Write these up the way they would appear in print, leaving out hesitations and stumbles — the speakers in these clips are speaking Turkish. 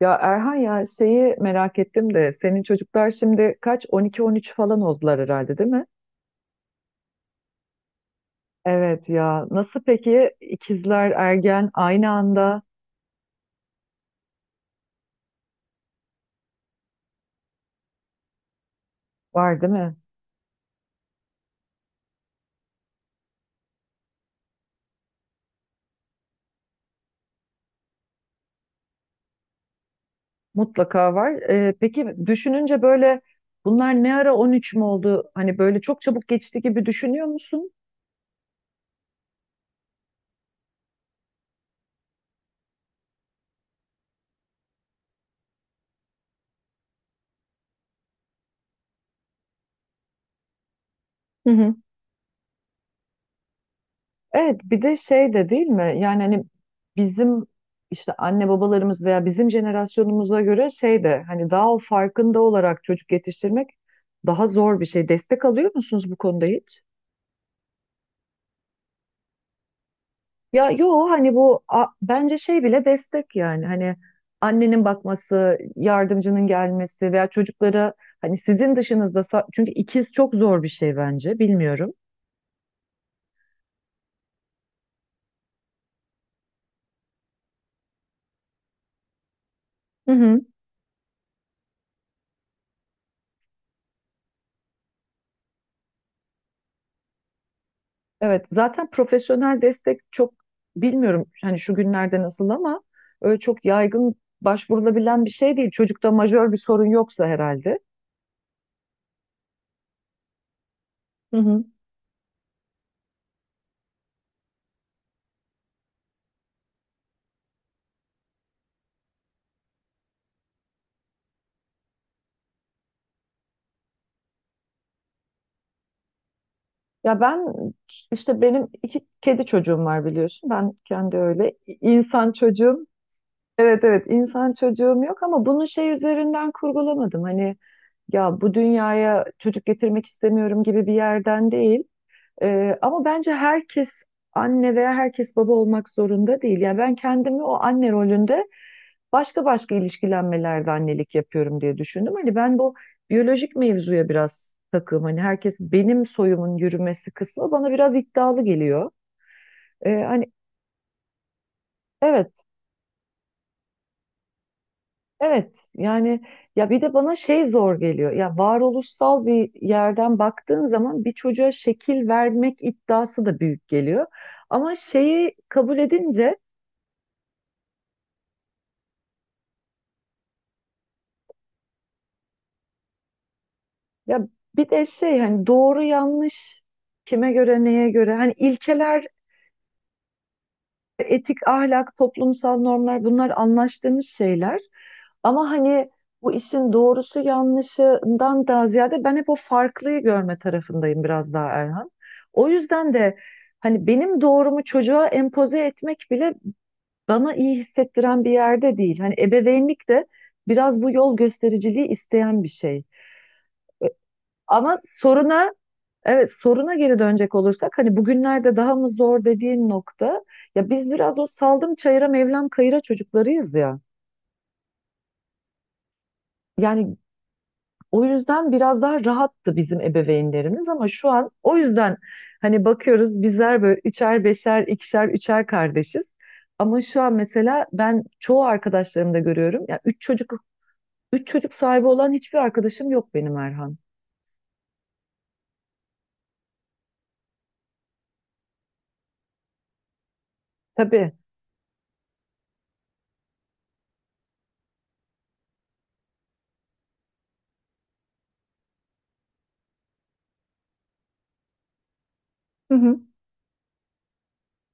Ya Erhan, ya şeyi merak ettim de senin çocuklar şimdi kaç, 12-13 falan oldular herhalde, değil mi? Evet ya, nasıl peki ikizler ergen aynı anda, var değil mi? Mutlaka var. Peki düşününce böyle bunlar ne ara 13 mü oldu? Hani böyle çok çabuk geçti gibi düşünüyor musun? Hı hı. Evet, bir de şey de değil mi? Yani hani bizim işte anne babalarımız veya bizim jenerasyonumuza göre şey de, hani daha o farkında olarak çocuk yetiştirmek daha zor bir şey. Destek alıyor musunuz bu konuda hiç? Ya yo, hani bence şey bile destek, yani hani annenin bakması, yardımcının gelmesi veya çocuklara hani sizin dışınızda çünkü ikiz çok zor bir şey bence, bilmiyorum. Hı hı. Evet, zaten profesyonel destek çok, bilmiyorum hani şu günlerde nasıl ama öyle çok yaygın başvurulabilen bir şey değil. Çocukta majör bir sorun yoksa herhalde. Hı hı. Ya ben işte benim iki kedi çocuğum var, biliyorsun. Ben kendi öyle insan çocuğum. Evet evet, insan çocuğum yok ama bunu şey üzerinden kurgulamadım. Hani ya bu dünyaya çocuk getirmek istemiyorum gibi bir yerden değil. Ama bence herkes anne veya herkes baba olmak zorunda değil. Yani ben kendimi o anne rolünde başka başka ilişkilenmelerde annelik yapıyorum diye düşündüm. Hani ben bu biyolojik mevzuya biraz takığım. Hani herkes benim soyumun yürümesi kısmı bana biraz iddialı geliyor. Ee, hani evet, evet. Yani ya bir de bana şey zor geliyor. Ya varoluşsal bir yerden baktığın zaman bir çocuğa şekil vermek iddiası da büyük geliyor. Ama şeyi kabul edince, ya bir de şey, hani doğru yanlış kime göre, neye göre, hani ilkeler, etik, ahlak, toplumsal normlar, bunlar anlaştığımız şeyler ama hani bu işin doğrusu yanlışından daha ziyade ben hep o farklıyı görme tarafındayım biraz daha Erhan. O yüzden de hani benim doğrumu çocuğa empoze etmek bile bana iyi hissettiren bir yerde değil. Hani ebeveynlik de biraz bu yol göstericiliği isteyen bir şey. Ama soruna, evet, soruna geri dönecek olursak hani bugünlerde daha mı zor dediğin nokta, ya biz biraz o saldım çayıra mevlam kayıra çocuklarıyız ya. Yani o yüzden biraz daha rahattı bizim ebeveynlerimiz ama şu an o yüzden hani bakıyoruz bizler böyle üçer beşer, ikişer üçer kardeşiz. Ama şu an mesela ben çoğu arkadaşlarımda görüyorum, ya üç çocuk, üç çocuk sahibi olan hiçbir arkadaşım yok benim Erhan. Tabii. Hı hı,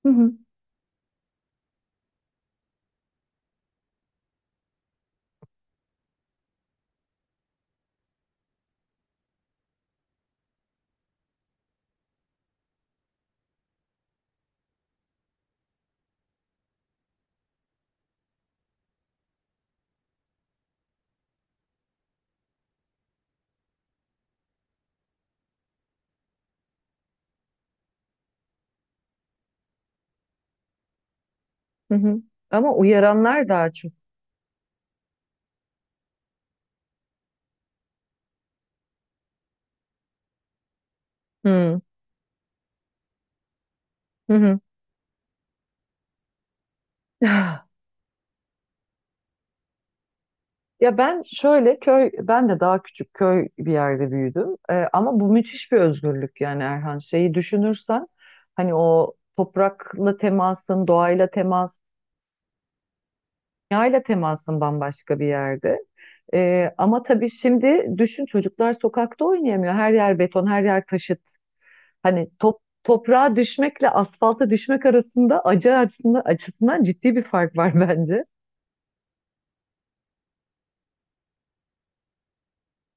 hı hı. Hı hı. Ama uyaranlar daha çok. Hı hı, hı. Ya ben şöyle köy, ben de daha küçük köy bir yerde büyüdüm. Ama bu müthiş bir özgürlük, yani Erhan. Şeyi düşünürsen hani o toprakla temasın, doğayla temas, dünyayla temasın bambaşka bir yerde. Ama tabii şimdi düşün, çocuklar sokakta oynayamıyor. Her yer beton, her yer taşıt. Hani top, toprağa düşmekle asfalta düşmek arasında acı açısından, açısından ciddi bir fark var bence.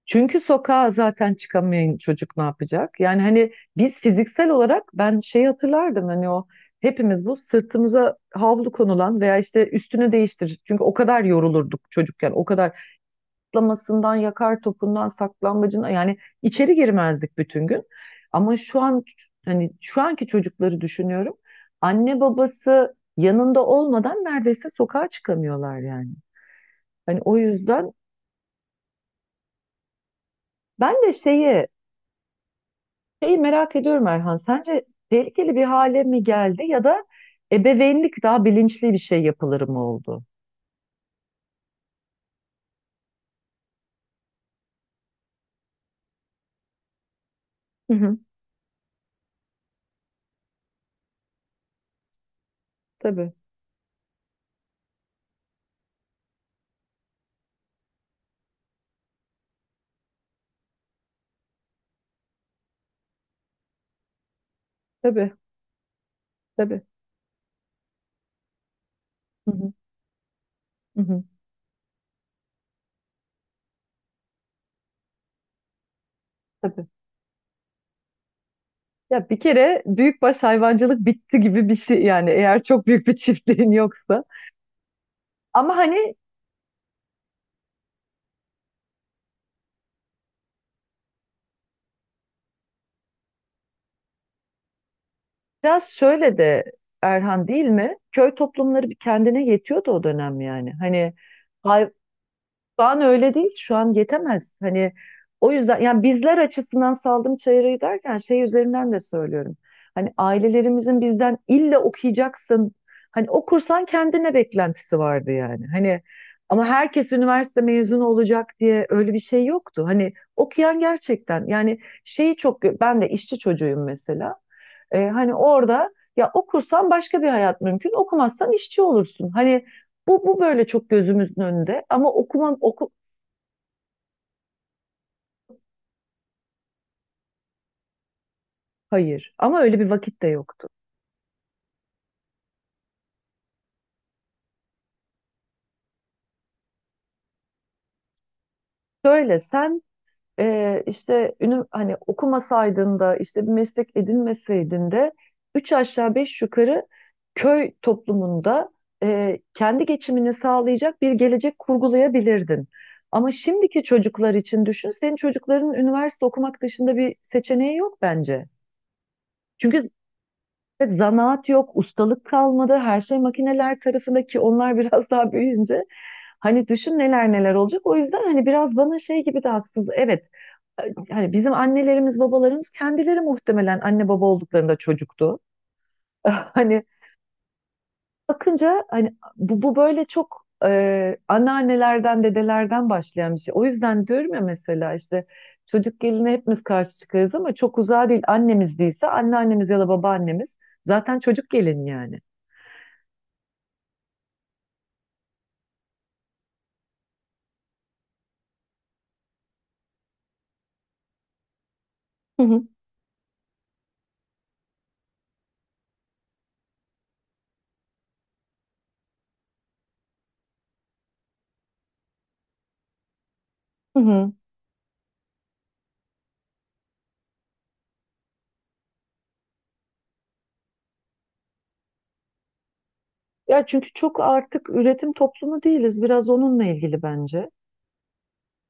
Çünkü sokağa zaten çıkamayan çocuk ne yapacak? Yani hani biz fiziksel olarak, ben şeyi hatırlardım, hani o hepimiz bu sırtımıza havlu konulan veya işte üstünü değiştir. Çünkü o kadar yorulurduk çocukken. O kadar atlamasından, yakar topundan, saklambacına, yani içeri girmezdik bütün gün. Ama şu an hani şu anki çocukları düşünüyorum. Anne babası yanında olmadan neredeyse sokağa çıkamıyorlar yani. Hani o yüzden ben de şeyi, şeyi merak ediyorum Erhan, sence tehlikeli bir hale mi geldi ya da ebeveynlik daha bilinçli bir şey yapılır mı oldu? Hı hı. Tabii, tabii, tabii. Hı hı, hı hı, tabii. Ya bir kere büyükbaş hayvancılık bitti gibi bir şey yani, eğer çok büyük bir çiftliğin yoksa. Ama hani biraz şöyle de Erhan, değil mi? Köy toplumları bir kendine yetiyordu o dönem yani. Hani hay, şu an öyle değil. Şu an yetemez. Hani o yüzden yani bizler açısından saldım çayırı derken şey üzerinden de söylüyorum. Hani ailelerimizin bizden illa okuyacaksın. Hani okursan kendine beklentisi vardı yani. Hani ama herkes üniversite mezunu olacak diye öyle bir şey yoktu. Hani okuyan gerçekten yani şeyi çok, ben de işçi çocuğuyum mesela. Hani orada ya okursan başka bir hayat mümkün, okumazsan işçi olursun. Hani bu, bu böyle çok gözümüzün önünde ama okumam, oku, hayır ama öyle bir vakit de yoktu. Şöyle sen işte ünü, hani okumasaydın da işte bir meslek edinmeseydin de üç aşağı beş yukarı köy toplumunda kendi geçimini sağlayacak bir gelecek kurgulayabilirdin. Ama şimdiki çocuklar için düşün, senin çocukların üniversite okumak dışında bir seçeneği yok bence. Çünkü evet, zanaat yok, ustalık kalmadı. Her şey makineler tarafındaki onlar biraz daha büyüyünce hani düşün, neler neler olacak. O yüzden hani biraz bana şey gibi de haksız. Evet. Hani bizim annelerimiz, babalarımız kendileri muhtemelen anne baba olduklarında çocuktu. Hani bakınca hani bu, bu böyle çok anneannelerden, dedelerden başlayan bir şey. O yüzden diyorum ya, mesela işte çocuk geline hepimiz karşı çıkarız ama çok uzağa değil. Annemiz değilse anneannemiz ya da babaannemiz zaten çocuk gelin yani. Hı hı. Ya çünkü çok artık üretim toplumu değiliz. Biraz onunla ilgili bence.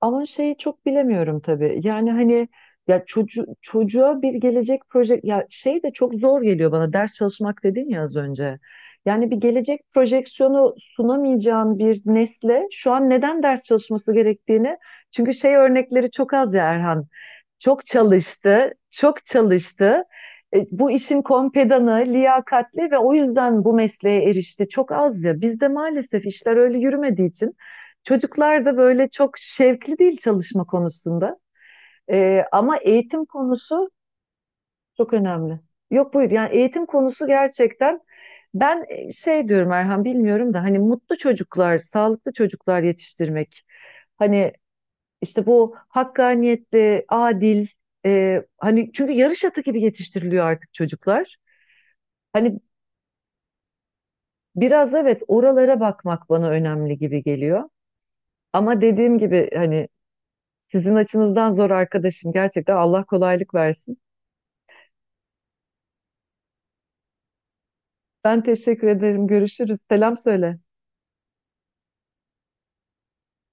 Ama şeyi çok bilemiyorum tabii. Yani hani ya çocuğa bir gelecek proje, ya şey de çok zor geliyor bana. Ders çalışmak dedin ya az önce. Yani bir gelecek projeksiyonu sunamayacağın bir nesle şu an neden ders çalışması gerektiğini, çünkü şey örnekleri çok az ya Erhan. Çok çalıştı, çok çalıştı. Bu işin kompedanı, liyakatli ve o yüzden bu mesleğe erişti. Çok az ya. Bizde maalesef işler öyle yürümediği için çocuklar da böyle çok şevkli değil çalışma konusunda. Ama eğitim konusu çok önemli. Yok buyur, yani eğitim konusu gerçekten, ben şey diyorum Erhan, bilmiyorum da hani mutlu çocuklar, sağlıklı çocuklar yetiştirmek. Hani işte bu hakkaniyetli, adil, hani çünkü yarış atı gibi yetiştiriliyor artık çocuklar. Hani biraz evet, oralara bakmak bana önemli gibi geliyor. Ama dediğim gibi hani sizin açınızdan zor arkadaşım. Gerçekten Allah kolaylık versin. Ben teşekkür ederim. Görüşürüz. Selam söyle.